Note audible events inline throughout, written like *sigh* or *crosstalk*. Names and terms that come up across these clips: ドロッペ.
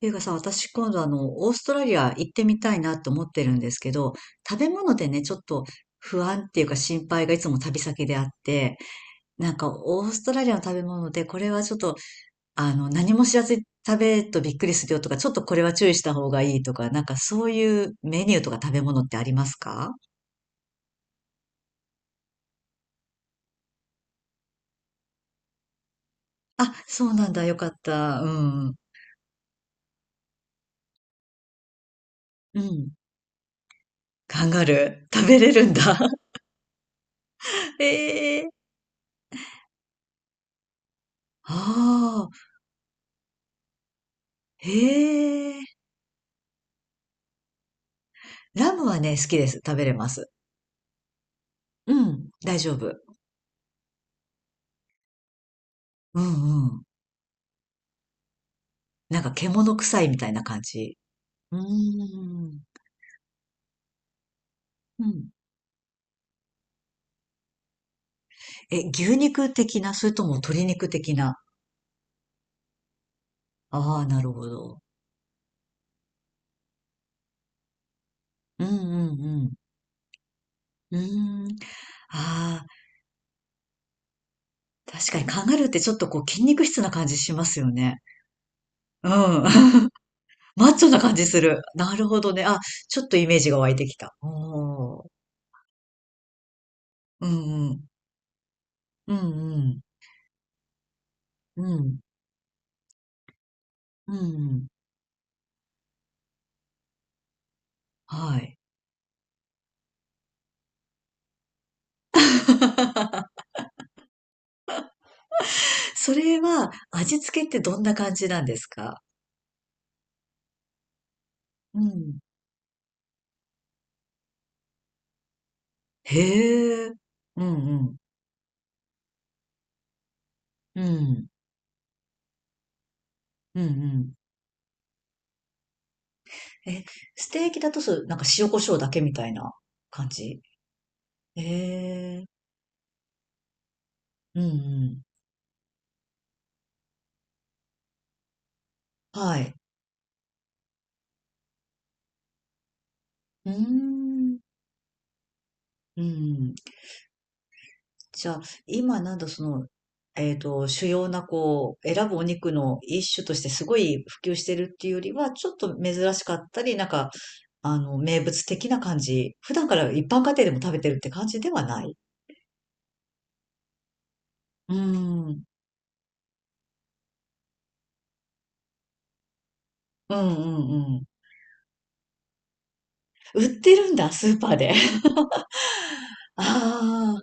ていうかさ、私今度オーストラリア行ってみたいなと思ってるんですけど、食べ物でね、ちょっと不安っていうか心配がいつも旅先であって、なんかオーストラリアの食べ物でこれはちょっと、何も知らずに食べるとびっくりするよとか、ちょっとこれは注意した方がいいとか、なんかそういうメニューとか食べ物ってありますか。あ、そうなんだ。よかった。うん。うん。カンガルー。食べれるんだ。*laughs* ええ。ああ、へえ。ラムはね、好きです。食べれます。うん、大丈夫。うんうん。なんか獣臭いみたいな感じ。うーん。うん。え、牛肉的な、それとも鶏肉的な。ああ、なるほど。うんうんうん。うーん。ああ、確かにカンガルーってちょっとこう筋肉質な感じしますよね。うん。*laughs* マッチョな感じする。なるほどね。あ、ちょっとイメージが湧いてきた。おー。うんうん。うんうん。うん。うんうん。はい。それは味付けってどんな感じなんですか。うん。へえ。うんうん。うん。うんうん。え、ステーキだとそう、なんか塩コショウだけみたいな感じ。へえ。うんうん。はい。うーん。うん。じゃあ、今なんだその、主要なこう、選ぶお肉の一種としてすごい普及してるっていうよりは、ちょっと珍しかったり、なんか名物的な感じ。普段から一般家庭でも食べてるって感じではない。うーん。うんうんうん。売ってるんだ、スーパーで。*laughs* ああ、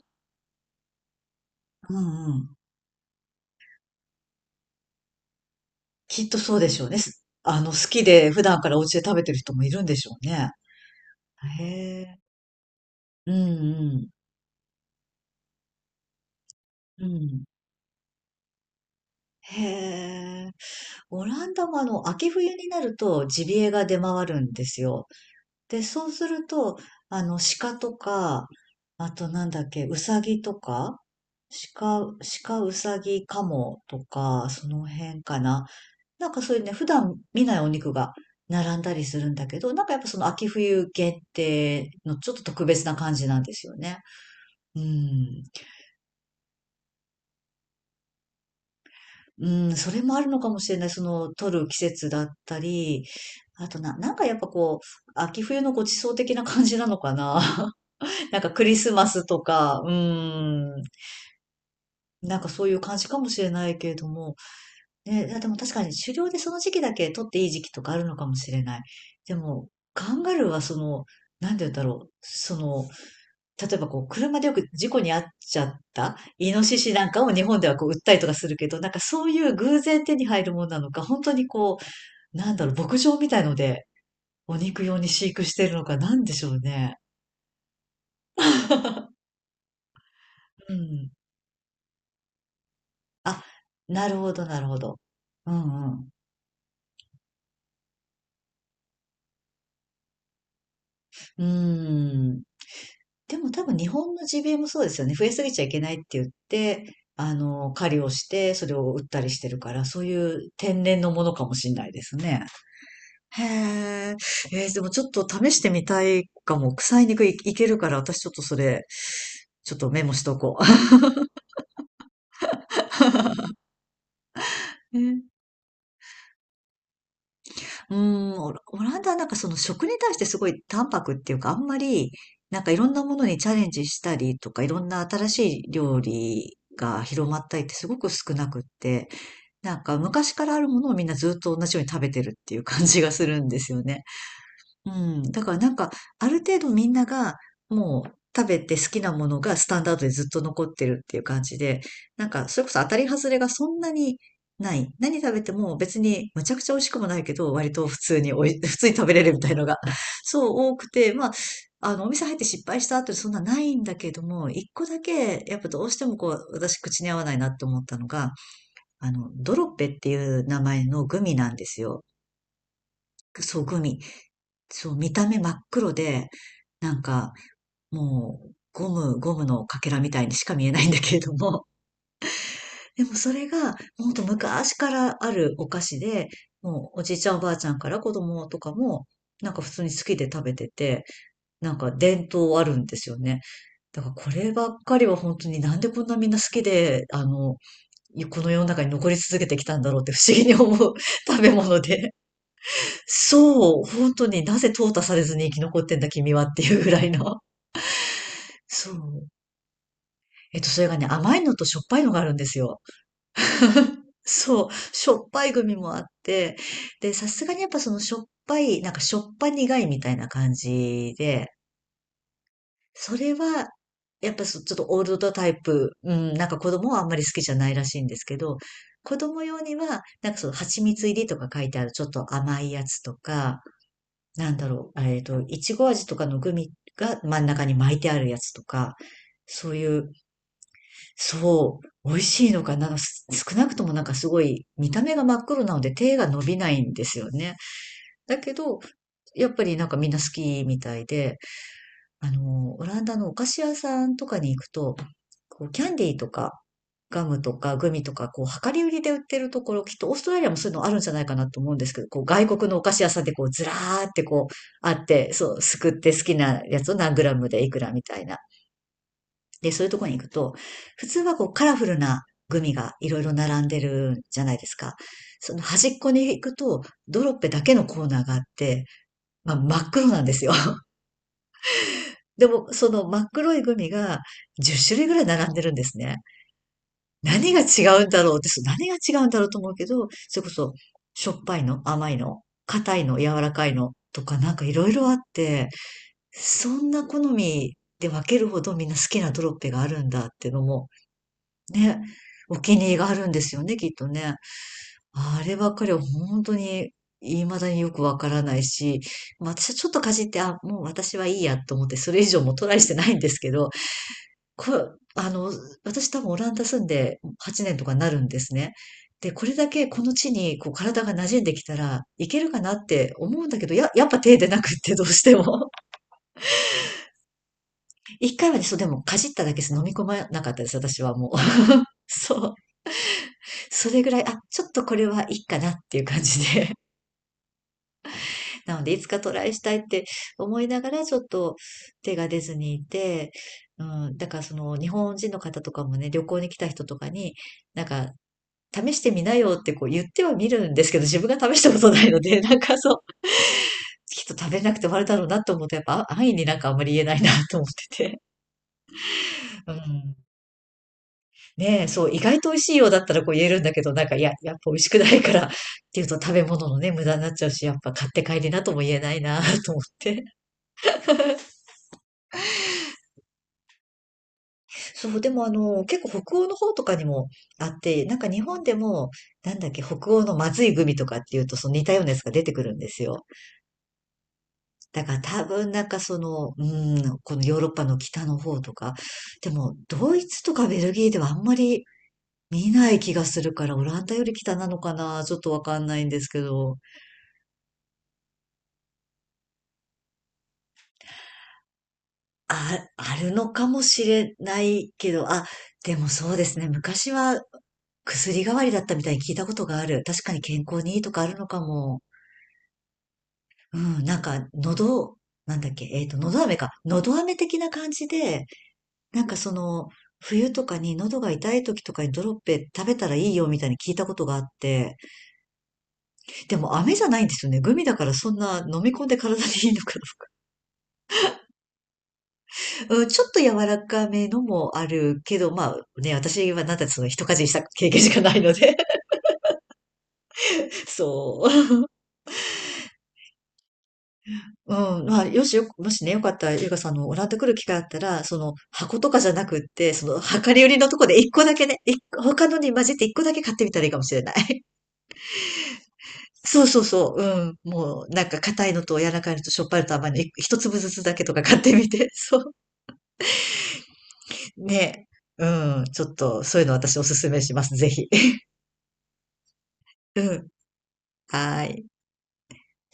うんうん。きっとそうでしょうね。す好きで普段からお家で食べてる人もいるんでしょうね。へえ。うんうん。うん。へえ。オランダも秋冬になるとジビエが出回るんですよ。で、そうすると、鹿とか、あとなんだっけ、うさぎとか、鹿、鹿、うさぎ、カモとか、その辺かな。なんかそういうね、普段見ないお肉が並んだりするんだけど、なんかやっぱその秋冬限定のちょっと特別な感じなんですよね。うん。うん、それもあるのかもしれない。その、取る季節だったり、あとな、なんかやっぱこう、秋冬のご馳走的な感じなのかな。なんかクリスマスとか、うーん、なんかそういう感じかもしれないけれども、ね、いやでも確かに狩猟でその時期だけ取っていい時期とかあるのかもしれない。でも、カンガルーはその、なんて言うんだろう、その、例えばこう、車でよく事故に遭っちゃったイノシシなんかを日本ではこう、売ったりとかするけど、なんかそういう偶然手に入るものなのか、本当にこう、なんだろう、牧場みたいので、お肉用に飼育してるのか、なんでしょうね。*laughs* うん。あ、なるほど。うんうん。うーん。でも多分日本の g b もそうですよね。増えすぎちゃいけないって言って、狩りをして、それを売ったりしてるから、そういう天然のものかもしれないですね。へえ。えーでもちょっと試してみたいかも。臭い肉い、いけるから、私ちょっとそれ、ちょっとメモしとこう。*laughs* えーうーん、オラオランダはなんかその食に対してすごい淡白っていうか、あんまり、なんかいろんなものにチャレンジしたりとか、いろんな新しい料理が広まったりってすごく少なくって、なんか昔からあるものをみんなずっと同じように食べてるっていう感じがするんですよね。うん。だからなんか、ある程度みんなが、もう食べて好きなものがスタンダードでずっと残ってるっていう感じで、なんか、それこそ当たり外れがそんなにない。何食べても別にむちゃくちゃ美味しくもないけど、割と普通におい、*laughs* 普通に食べれるみたいのが *laughs*、そう多くて、まあ、お店入って失敗した後でそんなないんだけども、一個だけ、やっぱどうしてもこう、私口に合わないなって思ったのが、ドロッペっていう名前のグミなんですよ。そう、グミ。そう、見た目真っ黒で、なんか、もう、ゴムのかけらみたいにしか見えないんだけれども。*laughs* でもそれが、ほんと昔からあるお菓子で、もう、おじいちゃんおばあちゃんから子供とかも、なんか普通に好きで食べてて、なんか伝統あるんですよね。だからこればっかりは本当になんでこんなみんな好きで、この世の中に残り続けてきたんだろうって不思議に思う *laughs* 食べ物で。そう、本当になぜ淘汰されずに生き残ってんだ君はっていうぐらいの。そう。それがね、甘いのとしょっぱいのがあるんですよ。そう、しょっぱいグミもあって、で、さすがにやっぱそのしょっぱい、なんかしょっぱ苦いみたいな感じで、それは、やっぱそちょっとオールドタイプ、うん、なんか子供はあんまり好きじゃないらしいんですけど、子供用には、なんかその蜂蜜入りとか書いてあるちょっと甘いやつとか、なんだろう、いちご味とかのグミが真ん中に巻いてあるやつとか、そういう、そう、美味しいのかな、なんかす少なくともなんかすごい見た目が真っ黒なので手が伸びないんですよね。だけど、やっぱりなんかみんな好きみたいで、オランダのお菓子屋さんとかに行くと、こう、キャンディーとか、ガムとかグミとか、こう、量り売りで売ってるところ、きっとオーストラリアもそういうのあるんじゃないかなと思うんですけど、こう、外国のお菓子屋さんでこう、ずらーってこう、あって、そう、すくって好きなやつを何グラムでいくらみたいな。で、そういうところに行くと、普通はこう、カラフルなグミがいろいろ並んでるじゃないですか。その端っこに行くと、ドロッペだけのコーナーがあって、まあ、真っ黒なんですよ。でも、その真っ黒いグミが10種類ぐらい並んでるんですね。何が違うんだろうって、そう何が違うんだろうと思うけど、それこそ、しょっぱいの、甘いの、硬いの、柔らかいのとかなんかいろいろあって、そんな好みで分けるほどみんな好きなドロッペがあるんだっていうのも、ね、お気に入りがあるんですよね、きっとね。あればっかりは本当に未だによくわからないし、まあ私はちょっとかじって、あ、もう私はいいやと思って、それ以上もトライしてないんですけど、こ私多分オランダ住んで8年とかになるんですね。で、これだけこの地にこう体が馴染んできたらいけるかなって思うんだけど、やっぱ手出なくってどうしても。*laughs* 1回はね、そう。でも、かじっただけです。飲み込まなかったです、私はもう。*laughs* そう。それぐらい、あ、ちょっとこれはいいかなっていう感じで。*laughs* なので、いつかトライしたいって思いながら、ちょっと手が出ずにいて、うん、だからその日本人の方とかもね、旅行に来た人とかに、なんか試してみなよってこう言ってはみるんですけど、自分が試したことないので、*laughs* なんかそう、きっと食べなくて終わるだろうなと思うと、やっぱ安易になんかあんまり言えないなと思ってて。*laughs* うん。ねえ、そう、意外と美味しいようだったらこう言えるんだけど、なんかいや、やっぱ美味しくないからっていうと食べ物のね、無駄になっちゃうし、やっぱ買って帰りなとも言えないな *laughs* と思って。*laughs* そう、でも結構北欧の方とかにもあって、なんか日本でも、なんだっけ、北欧のまずいグミとかっていうと、その似たようなやつが出てくるんですよ。だから多分なんかその、うん、このヨーロッパの北の方とか、でもドイツとかベルギーではあんまり見ない気がするから、オランダより北なのかな、ちょっとわかんないんですけど、あ、あるのかもしれないけど、あ、でもそうですね、昔は薬代わりだったみたいに聞いたことがある。確かに健康にいいとかあるのかも。うん、なんか喉、なんだっけ、喉飴か。喉飴的な感じで、なんかその、冬とかに喉が痛い時とかにドロッペ食べたらいいよみたいに聞いたことがあって、でも飴じゃないんですよね。グミだからそんな飲み込んで体にいいのかな。*laughs* うん、ちょっと柔らかめのもあるけど、まあね、私はなんだってその一かじりした経験しかないので *laughs* そう。うん、まあ、よしよ、もしね、よかったら、ゆうかさんのオランダ来る機会あったら、その、箱とかじゃなくって、その、量り売りのとこで一個だけね、一個、他のに混じって一個だけ買ってみたらいいかもしれない。そうそうそう、うん。もう、なんか硬いのと柔らかいのとしょっぱいのと甘いの、一粒ずつだけとか *laughs* 買ってみて。*laughs* そう。ね。うん。ちょっと、そういうの私おすすめします。ぜひ。*laughs* うん。はーい。